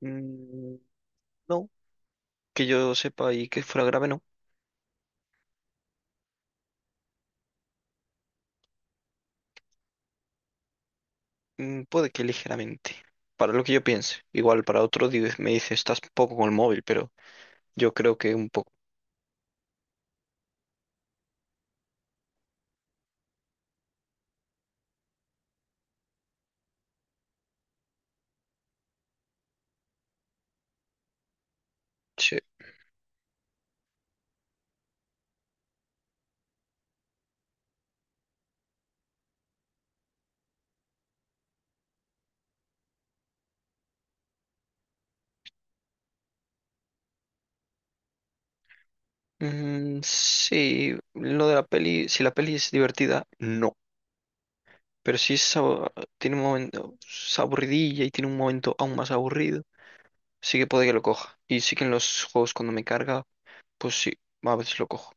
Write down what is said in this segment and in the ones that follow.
Mm, no, que yo sepa y que fuera grave, no. Puede que ligeramente. Para lo que yo piense. Igual para me dice, estás poco con el móvil, pero yo creo que un poco. Sí. Sí, lo de la peli, si la peli es divertida, no. Pero si es, abo- tiene un momento es aburridilla y tiene un momento aún más aburrido, sí que puede que lo coja. Y sí que en los juegos cuando me carga, pues sí, a veces lo cojo.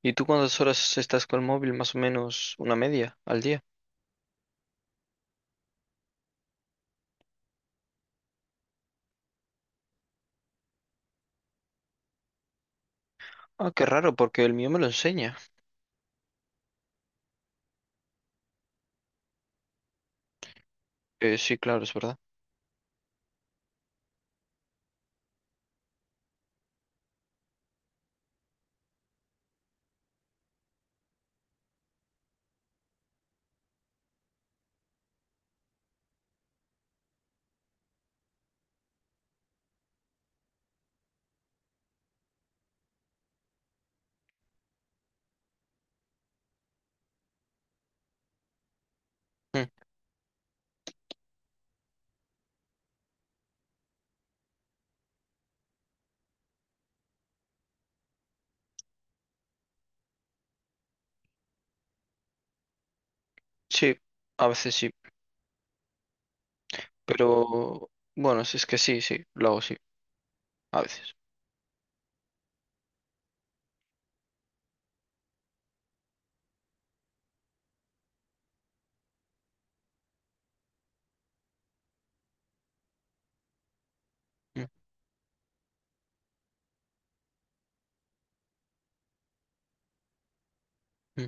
¿Y tú cuántas horas estás con el móvil? Más o menos una media al día. Ah, qué raro, porque el mío me lo enseña. Sí, claro, es verdad. Mm, Sí, a veces sí, pero bueno, si es que sí, sí, lo hago sí, a veces. Mm, mm,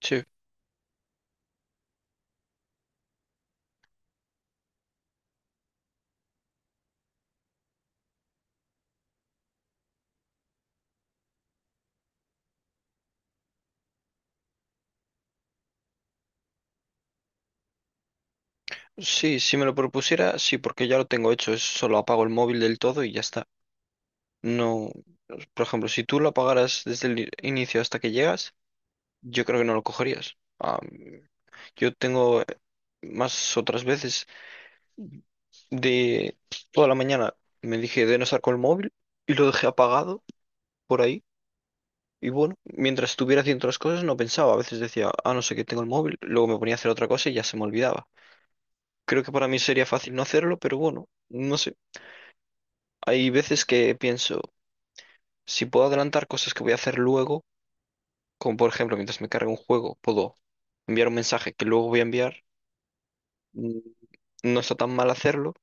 Sí, sí, si me lo propusiera, sí, porque ya lo tengo hecho, es solo apago el móvil del todo y ya está. No, por ejemplo, si tú lo apagaras desde el inicio hasta que llegas, yo creo que no lo cogerías. Ah, yo tengo más otras veces de toda la mañana me dije de no estar con el móvil y lo dejé apagado por ahí. Y bueno, mientras estuviera haciendo otras cosas no pensaba. A veces decía, ah, no sé qué tengo el móvil. Luego me ponía a hacer otra cosa y ya se me olvidaba. Creo que para mí sería fácil no hacerlo, pero bueno, no sé. Hay veces que pienso, si puedo adelantar cosas que voy a hacer luego, como por ejemplo mientras me cargue un juego, puedo enviar un mensaje que luego voy a enviar. Mm, No está tan mal hacerlo,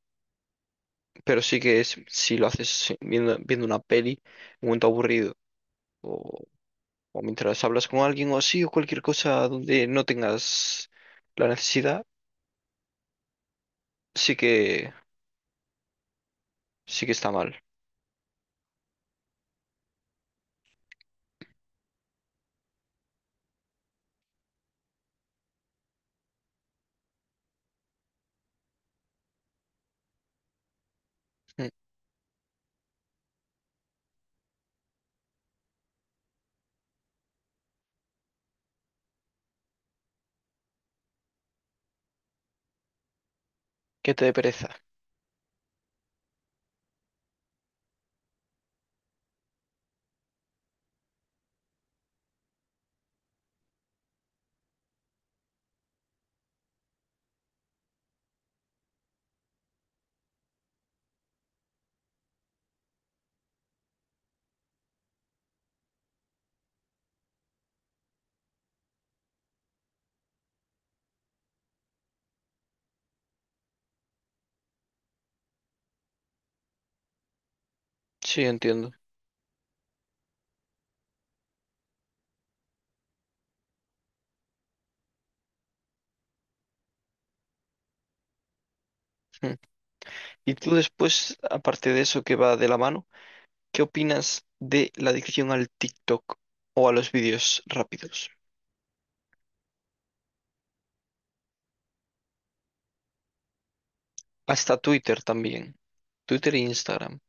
pero sí que es, si lo haces sí, viendo una peli, un momento aburrido, o, o mientras hablas con alguien o así, o cualquier cosa donde no tengas la necesidad sí que, sí que está mal. Mm. Que te dé pereza. Sí, entiendo. Mm. Y tú después, aparte de eso que va de la mano, ¿qué opinas de la adicción al TikTok o a los vídeos rápidos? Hasta Twitter también. Twitter e Instagram.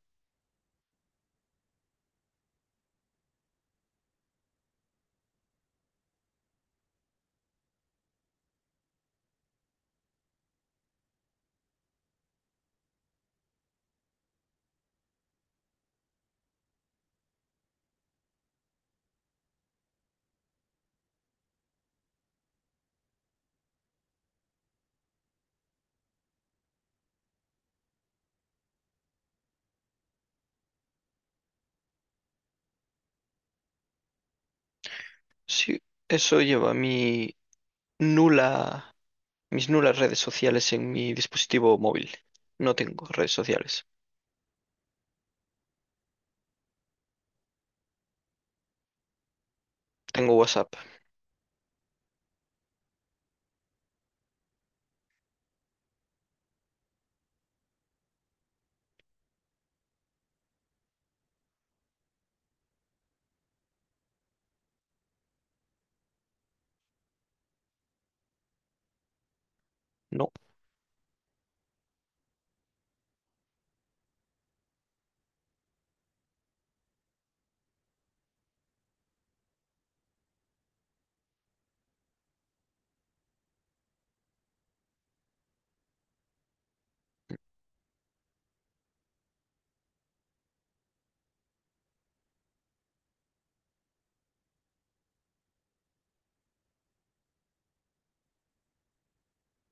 Sí, eso lleva mi nula, mis nulas redes sociales en mi dispositivo móvil. No tengo redes sociales. Tengo WhatsApp. No.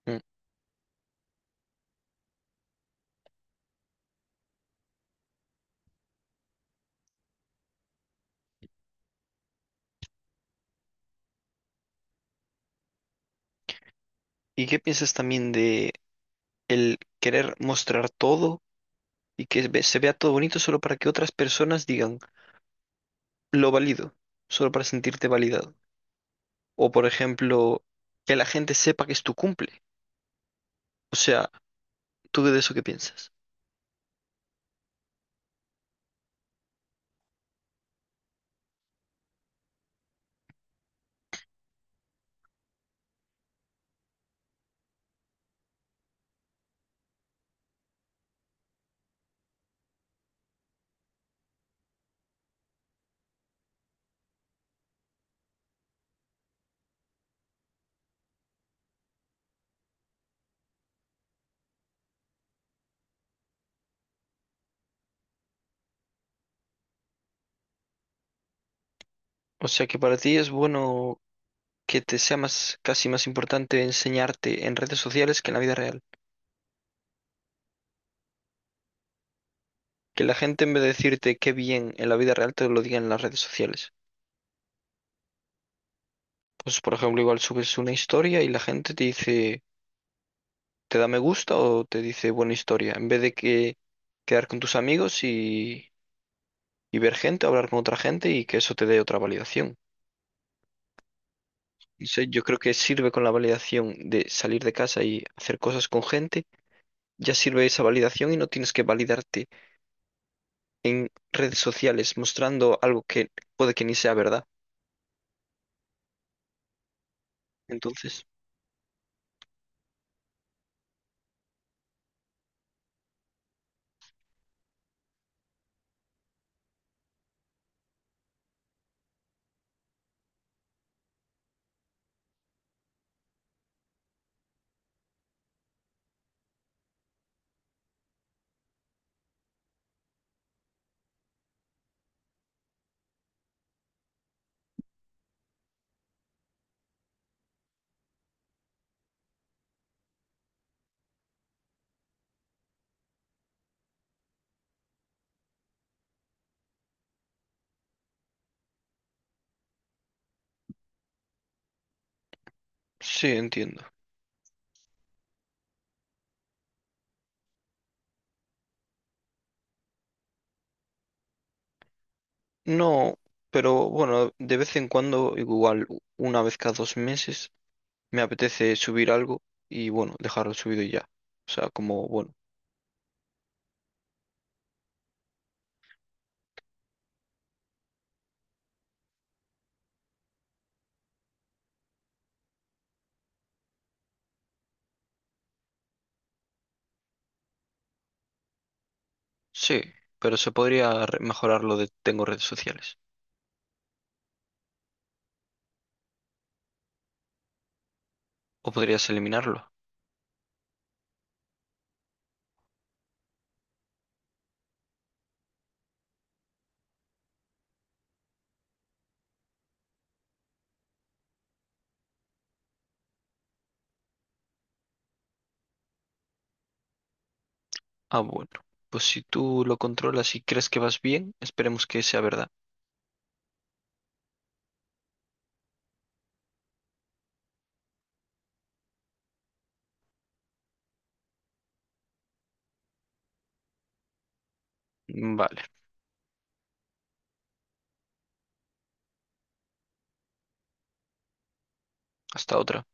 Mm. ¿Y qué piensas también de el querer mostrar todo? Y que se vea todo bonito solo para que otras personas digan, lo valido, solo para sentirte validado. O por ejemplo, que la gente sepa que es tu cumple. O sea, ¿tú de eso qué piensas? O sea, que para ti es bueno que te sea más, casi más importante enseñarte en redes sociales que en la vida real. Que la gente en vez de decirte qué bien en la vida real te lo diga en las redes sociales. Pues por ejemplo, igual subes una historia y la gente te dice, te da me gusta o te dice buena historia, en vez de que quedar con tus amigos y ver gente, hablar con otra gente y que eso te dé otra validación. No sé, yo creo que sirve con la validación de salir de casa y hacer cosas con gente, ya sirve esa validación y no tienes que validarte en redes sociales mostrando algo que puede que ni sea verdad. Entonces, sí, entiendo. No, pero bueno, de vez en cuando, igual una vez cada 2 meses, me apetece subir algo y bueno, dejarlo subido y ya. O sea, como, bueno, sí, pero se podría mejorar lo de tengo redes sociales. O podrías eliminarlo. Ah, bueno. Pues si tú lo controlas y crees que vas bien, esperemos que sea verdad. Vale, hasta otra.